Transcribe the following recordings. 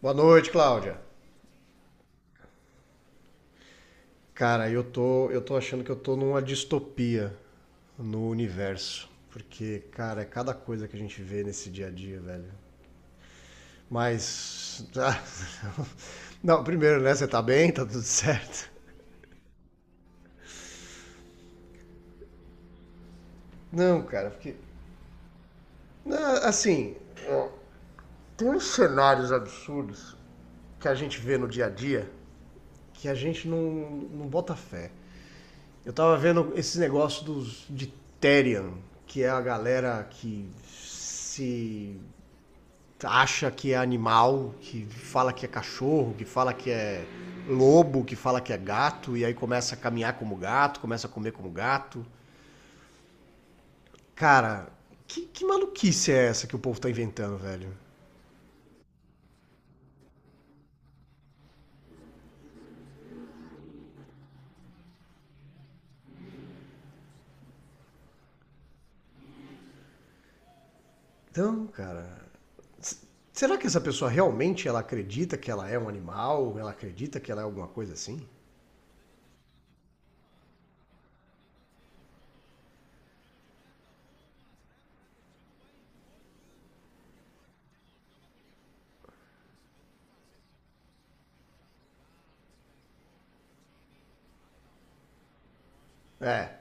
Boa noite, Cláudia. Cara, eu tô achando que eu tô numa distopia no universo. Porque, cara, é cada coisa que a gente vê nesse dia a dia, velho. Mas. ah, Não, primeiro, né? Você tá bem? Tá tudo certo? Não, cara, porque. Não, assim. Ó, Tem uns cenários absurdos que a gente vê no dia a dia que a gente não bota fé. Eu tava vendo esse negócio dos de Therian, que é a galera que se acha que é animal, que fala que é cachorro, que fala que é lobo, que fala que é gato, e aí começa a caminhar como gato, começa a comer como gato. Cara, que maluquice é essa que o povo tá inventando, velho? Então, cara, será que essa pessoa realmente ela acredita que ela é um animal? Ela acredita que ela é alguma coisa assim? É,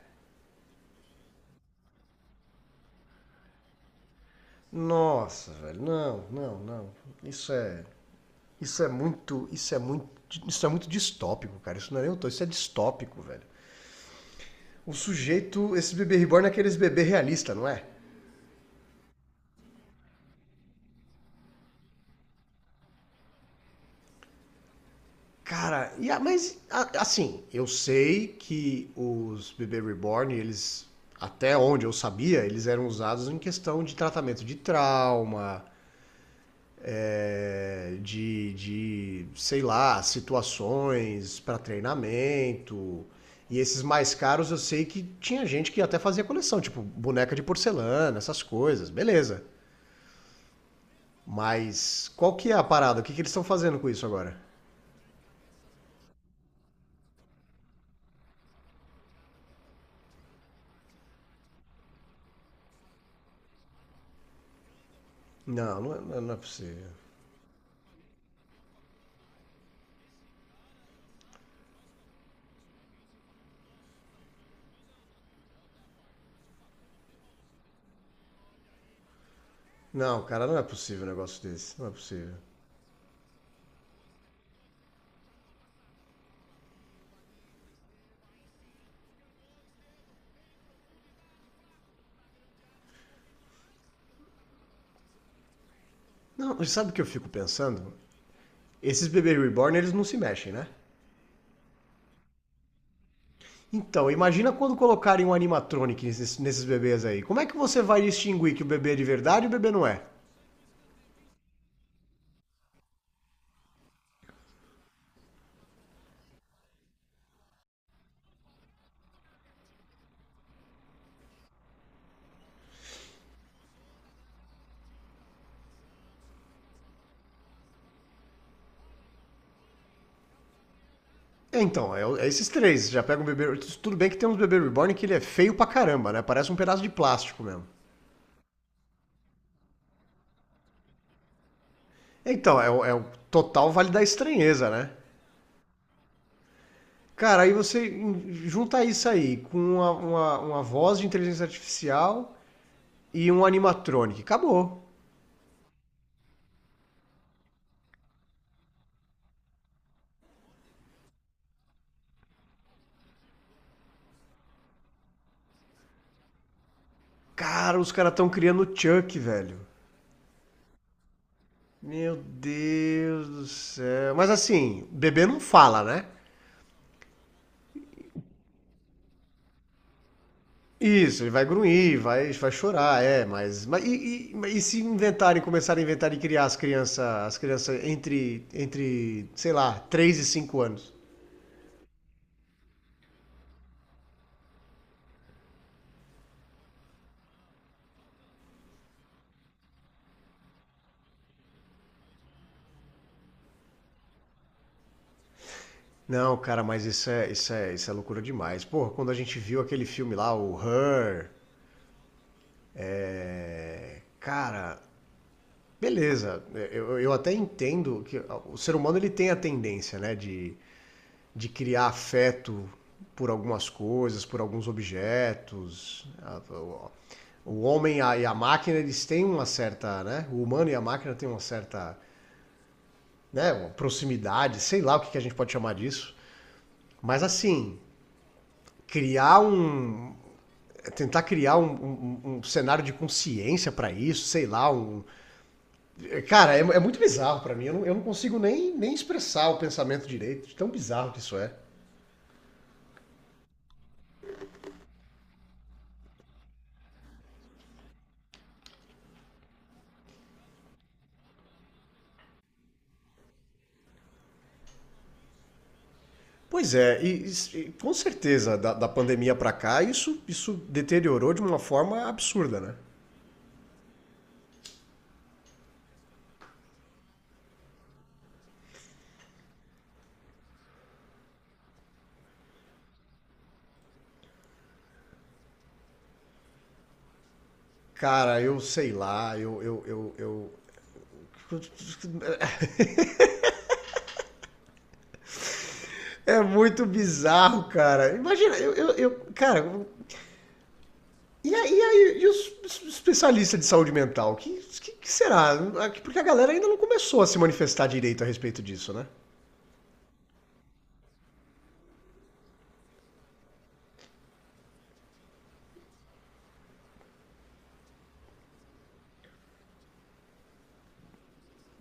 Nossa, velho. Não, não, não. Isso é. Isso é muito. Isso é muito. Isso é muito distópico, cara. Isso não é nem utopia, isso é distópico, velho. O sujeito, esse bebê reborn é aqueles bebê realista, não é? Cara, assim, eu sei que os bebê reborn, eles até onde eu sabia, eles eram usados em questão de tratamento de trauma, sei lá, situações para treinamento. E esses mais caros eu sei que tinha gente que até fazia coleção, tipo boneca de porcelana, essas coisas, beleza. Mas qual que é a parada? O que que eles estão fazendo com isso agora? Não, não é possível. Não, cara, não é possível um negócio desse. Não é possível. Não, sabe o que eu fico pensando? Esses bebês reborn, eles não se mexem, né? Então, imagina quando colocarem um animatronic nesses bebês aí. Como é que você vai distinguir que o bebê é de verdade e o bebê não é? É, então, é, é esses três. Já pega um bebê. Tudo bem que tem uns bebês reborn que ele é feio pra caramba, né? Parece um pedaço de plástico mesmo. É o total vale da estranheza, né? Cara, junta isso aí com uma voz de inteligência artificial e um animatronic. Acabou. Cara, os caras estão criando o Chuck, velho. Meu Deus do céu. Mas assim, bebê não fala, né? Isso, ele vai grunhir, vai chorar, e se inventarem, começarem a inventar e criar as crianças entre sei lá, 3 e 5 anos? Não, cara, mas isso é loucura demais. Porra, quando a gente viu aquele filme lá, o Her, é, cara, beleza, eu até entendo que o ser humano ele tem a tendência, né, de criar afeto por algumas coisas, por alguns objetos. O homem e a máquina, eles têm uma certa, né? O humano e a máquina têm uma certa, né? Uma proximidade, sei lá o que a gente pode chamar disso. Mas assim, criar um, tentar criar um cenário de consciência para isso, cara, é muito bizarro para mim. Eu não consigo nem expressar o pensamento direito, de tão bizarro que isso é. Pois é, e com certeza, da pandemia para cá, isso deteriorou de uma forma absurda, né? Cara, eu sei lá, É é muito bizarro, cara. Imagina, cara, e os especialistas de saúde mental? Que será? Porque a galera ainda não começou a se manifestar direito a respeito disso, né?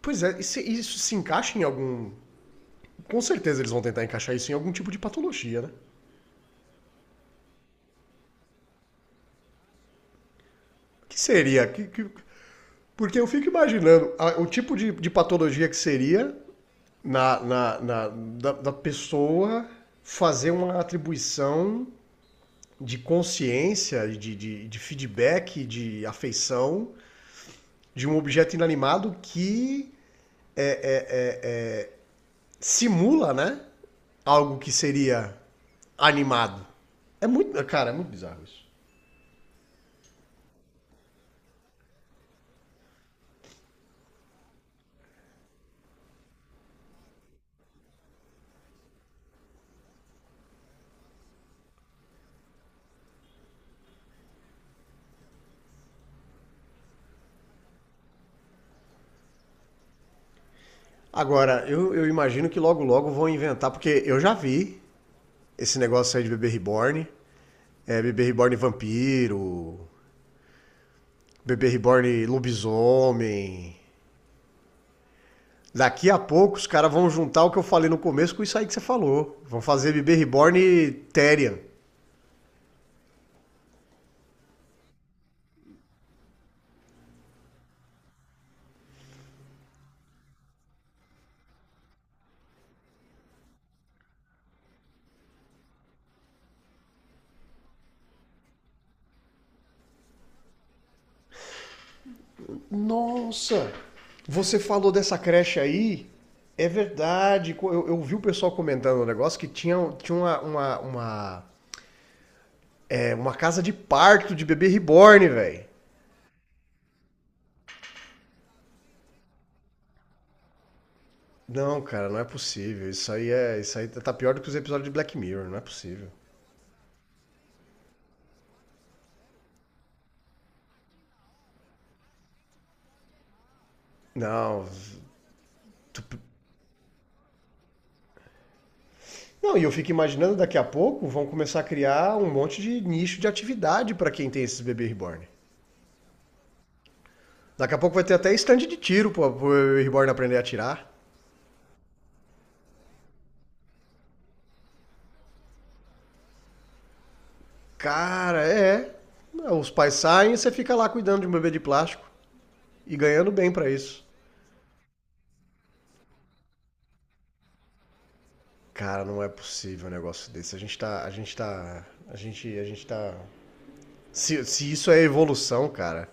Pois é, e isso se encaixa em algum. Com certeza eles vão tentar encaixar isso em algum tipo de patologia, né? Que seria? Porque eu fico imaginando o tipo de patologia que seria da da pessoa fazer uma atribuição de consciência, de feedback, de afeição de um objeto inanimado que é- é- é- é, simula, né? Algo que seria animado. É muito, cara, é muito bizarro isso. Agora, eu imagino que logo logo vão inventar, porque eu já vi esse negócio aí de bebê reborn. É, bebê reborn vampiro, bebê reborn lobisomem. Daqui a pouco os caras vão juntar o que eu falei no começo com isso aí que você falou. Vão fazer bebê reborn Terian. Nossa! Você falou dessa creche aí? É verdade. Eu vi o pessoal comentando o um negócio que tinha, tinha uma casa de parto de bebê reborn, velho. Não, cara, não é possível. Isso aí é. Isso aí tá pior do que os episódios de Black Mirror, não é possível. Não, Não, e eu fico imaginando daqui a pouco vão começar a criar um monte de nicho de atividade para quem tem esses bebê reborn. Daqui a pouco vai ter até stand de tiro pro bebê reborn aprender a atirar. Cara, é. Os pais saem e você fica lá cuidando de um bebê de plástico e ganhando bem pra isso. Cara, não é possível um negócio desse. A gente tá. A gente tá. A gente. A gente tá. Se isso é evolução, cara,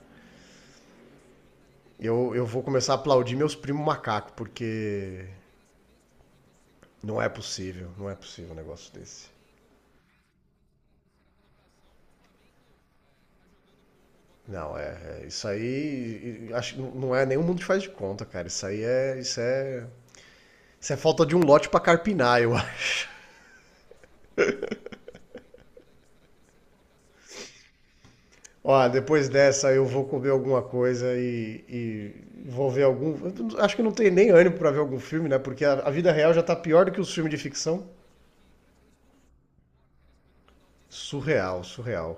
eu vou começar a aplaudir meus primos macacos, porque não é possível, não é possível um negócio desse. Não, isso aí, acho que não é nenhum mundo que faz de conta, cara. Isso aí é, isso é falta de um lote pra carpinar, eu acho. Ó, depois dessa eu vou comer alguma coisa e vou ver algum. Eu Acho que não tem nem ânimo pra ver algum filme, né? Porque a vida real já tá pior do que os filmes de ficção. Surreal, surreal.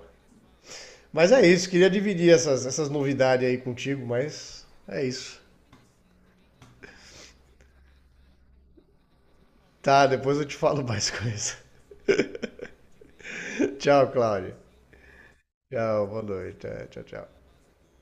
Mas é isso, queria dividir essas novidades aí contigo, mas é isso. Tá, depois eu te falo mais coisa. Tchau, Cláudia. Tchau, boa noite. Tchau, tchau.